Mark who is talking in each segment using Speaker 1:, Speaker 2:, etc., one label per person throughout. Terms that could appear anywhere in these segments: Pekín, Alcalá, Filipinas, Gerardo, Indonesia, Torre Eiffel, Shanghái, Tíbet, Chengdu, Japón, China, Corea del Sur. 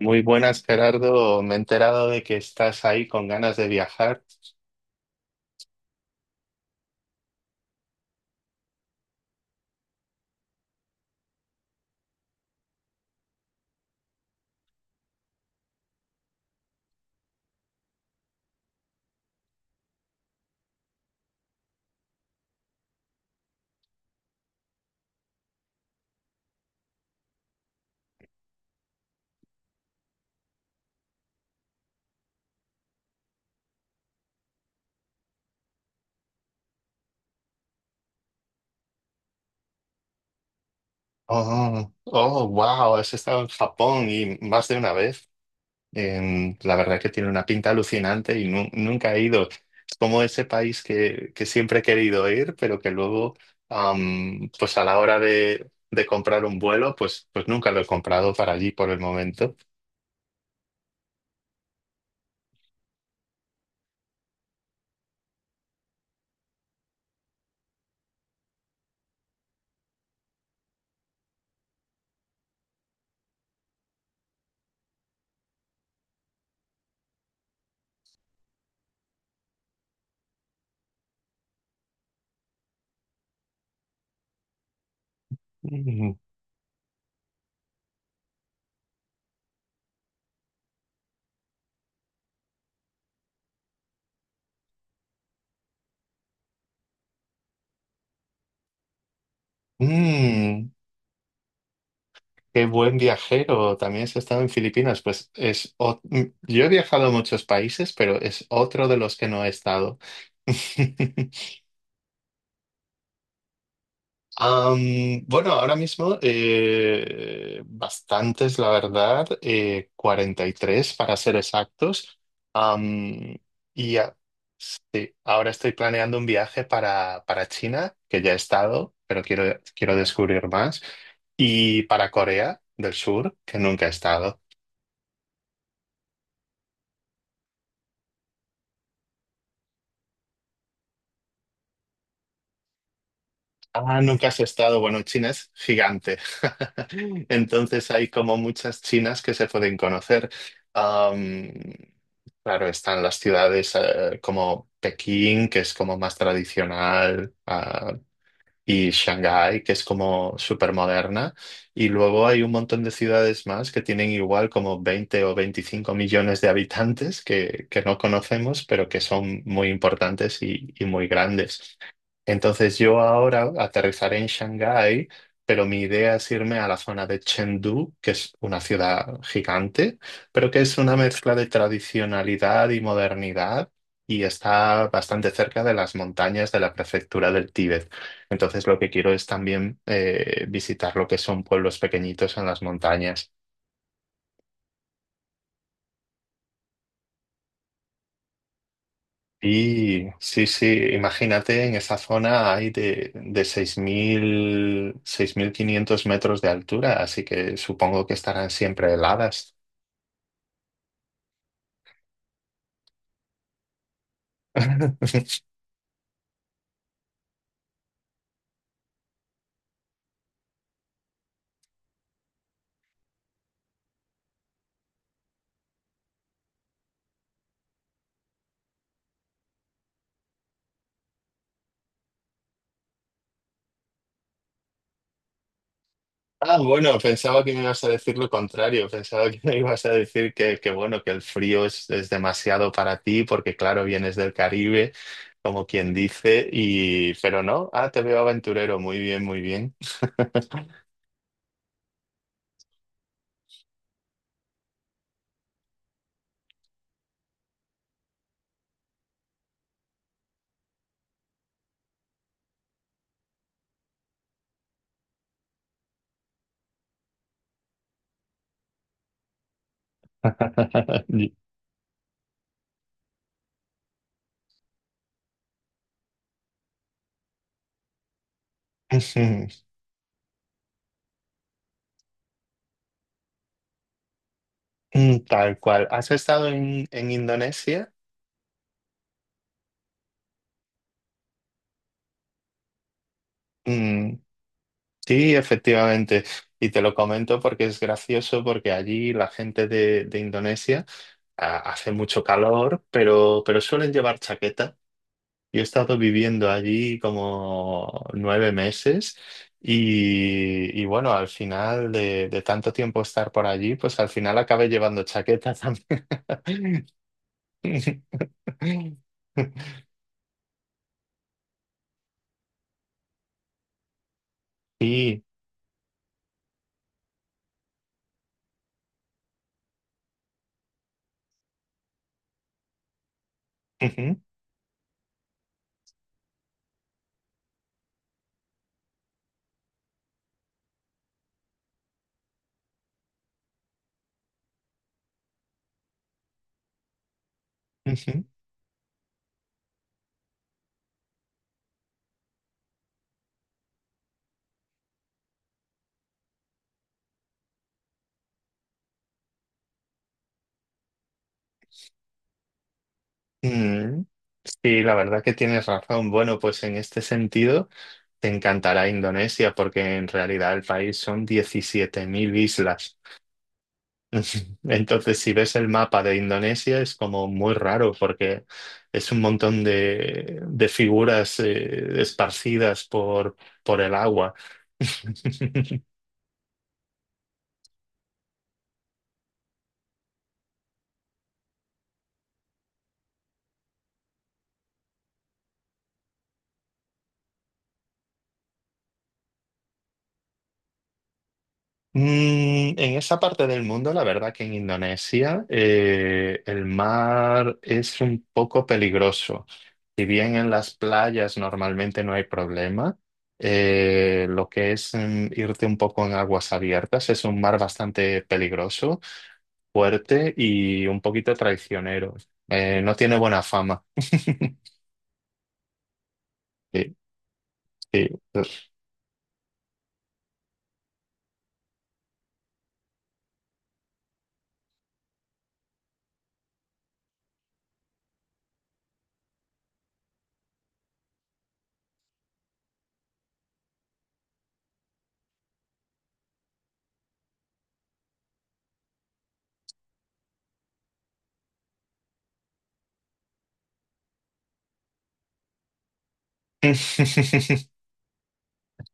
Speaker 1: Muy buenas, Gerardo. Me he enterado de que estás ahí con ganas de viajar. Oh, oh, wow, has estado en Japón y más de una vez. La verdad que tiene una pinta alucinante y nunca he ido. Es como ese país que siempre he querido ir, pero que luego, pues a la hora de comprar un vuelo, pues nunca lo he comprado para allí por el momento. Mm, mm. Qué buen viajero. También has estado en Filipinas. Pues yo he viajado a muchos países, pero es otro de los que no he estado. Bueno, ahora mismo bastantes, la verdad, 43 para ser exactos. Am, y a- sí, ahora estoy planeando un viaje para China, que ya he estado, pero quiero descubrir más, y para Corea del Sur, que nunca he estado. Ah, nunca has estado. Bueno, China es gigante. Entonces hay como muchas chinas que se pueden conocer. Am, claro, están las ciudades como Pekín, que es como más tradicional, y Shanghái, que es como súper moderna. Y luego hay un montón de ciudades más que tienen igual como 20 o 25 millones de habitantes que no conocemos, pero que son muy importantes y muy grandes. Entonces yo ahora aterrizaré en Shanghái, pero mi idea es irme a la zona de Chengdu, que es una ciudad gigante, pero que es una mezcla de tradicionalidad y modernidad y está bastante cerca de las montañas de la prefectura del Tíbet. Entonces lo que quiero es también visitar lo que son pueblos pequeñitos en las montañas. Y sí, sí, imagínate en esa zona hay de seis seis mil seis mil quinientos metros de altura, así que supongo que estarán siempre heladas. Ah, bueno, pensaba que me ibas a decir lo contrario, pensaba que me ibas a decir que bueno, que el frío es demasiado para ti porque claro, vienes del Caribe, como quien dice, y pero no, ah, te veo aventurero, muy bien, muy bien. Tal cual. ¿Has estado en Indonesia? Mm, sí, efectivamente. Y te lo comento porque es gracioso, porque allí la gente de Indonesia hace mucho calor, pero suelen llevar chaqueta. Yo he estado viviendo allí como 9 meses y bueno, al final de tanto tiempo estar por allí, pues al final acabé llevando chaqueta también. Sí. Ujú, ujú. Mm, sí, la verdad que tienes razón. Bueno, pues en este sentido te encantará Indonesia porque en realidad el país son 17.000 islas. Entonces, si ves el mapa de Indonesia es como muy raro porque es un montón de figuras esparcidas por el agua. En esa parte del mundo, la verdad que en Indonesia el mar es un poco peligroso. Si bien en las playas normalmente no hay problema, lo que es irte un poco en aguas abiertas es un mar bastante peligroso, fuerte y un poquito traicionero. No tiene buena fama. Sí, sí.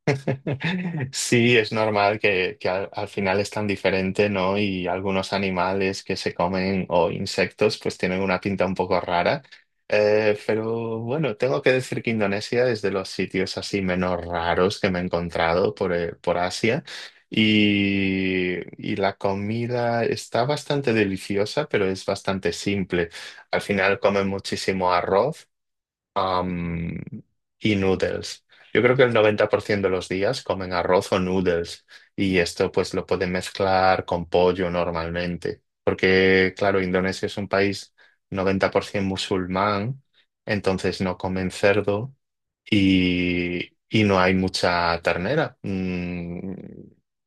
Speaker 1: Sí, es normal que al final es tan diferente, ¿no? Y algunos animales que se comen o insectos pues tienen una pinta un poco rara. Pero bueno, tengo que decir que Indonesia es de los sitios así menos raros que me he encontrado por Asia. Y la comida está bastante deliciosa, pero es bastante simple. Al final comen muchísimo arroz am, y noodles. Yo creo que el 90% de los días comen arroz o noodles y esto pues lo pueden mezclar con pollo normalmente, porque claro, Indonesia es un país 90% musulmán, entonces no comen cerdo y no hay mucha ternera.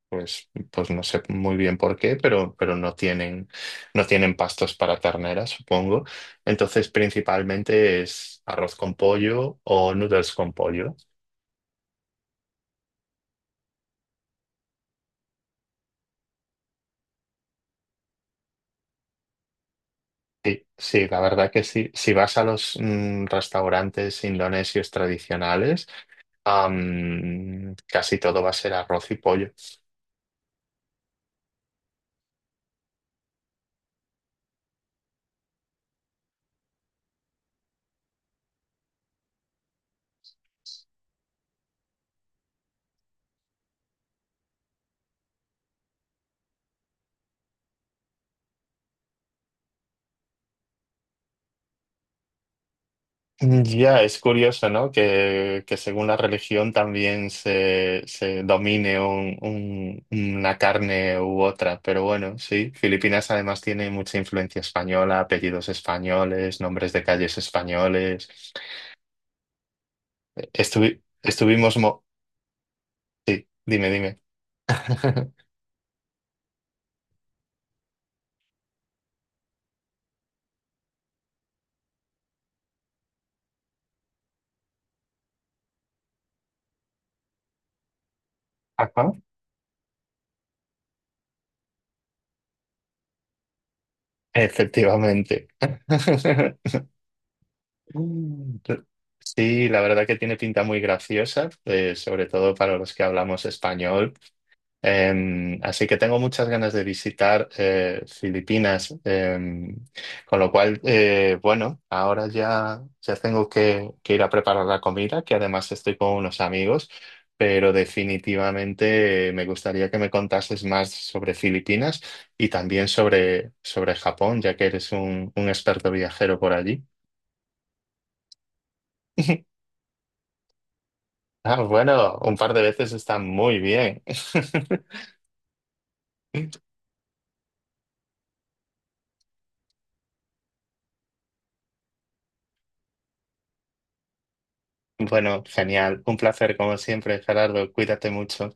Speaker 1: Pues no sé muy bien por qué, pero no tienen pastos para ternera, supongo. Entonces, principalmente es arroz con pollo o noodles con pollo. Sí, sí, la verdad que sí. Si vas a los restaurantes indonesios tradicionales, casi todo va a ser arroz y pollo. Ya, es curioso, ¿no? Que según la religión también se domine una carne u otra, pero bueno, sí, Filipinas además tiene mucha influencia española, apellidos españoles, nombres de calles españoles. Estuvimos... Sí, dime, dime. Ajá, efectivamente. Mm. Sí, la verdad que tiene pinta muy graciosa, sobre todo para los que hablamos español. Así que tengo muchas ganas de visitar Filipinas, con lo cual, bueno, ahora ya, ya tengo que ir a preparar la comida, que además estoy con unos amigos, pero definitivamente me gustaría que me contases más sobre Filipinas y también sobre Japón, ya que eres un experto viajero por allí. Ah, bueno, un par de veces está muy bien. Bueno, genial. Un placer, como siempre, Gerardo. Cuídate mucho.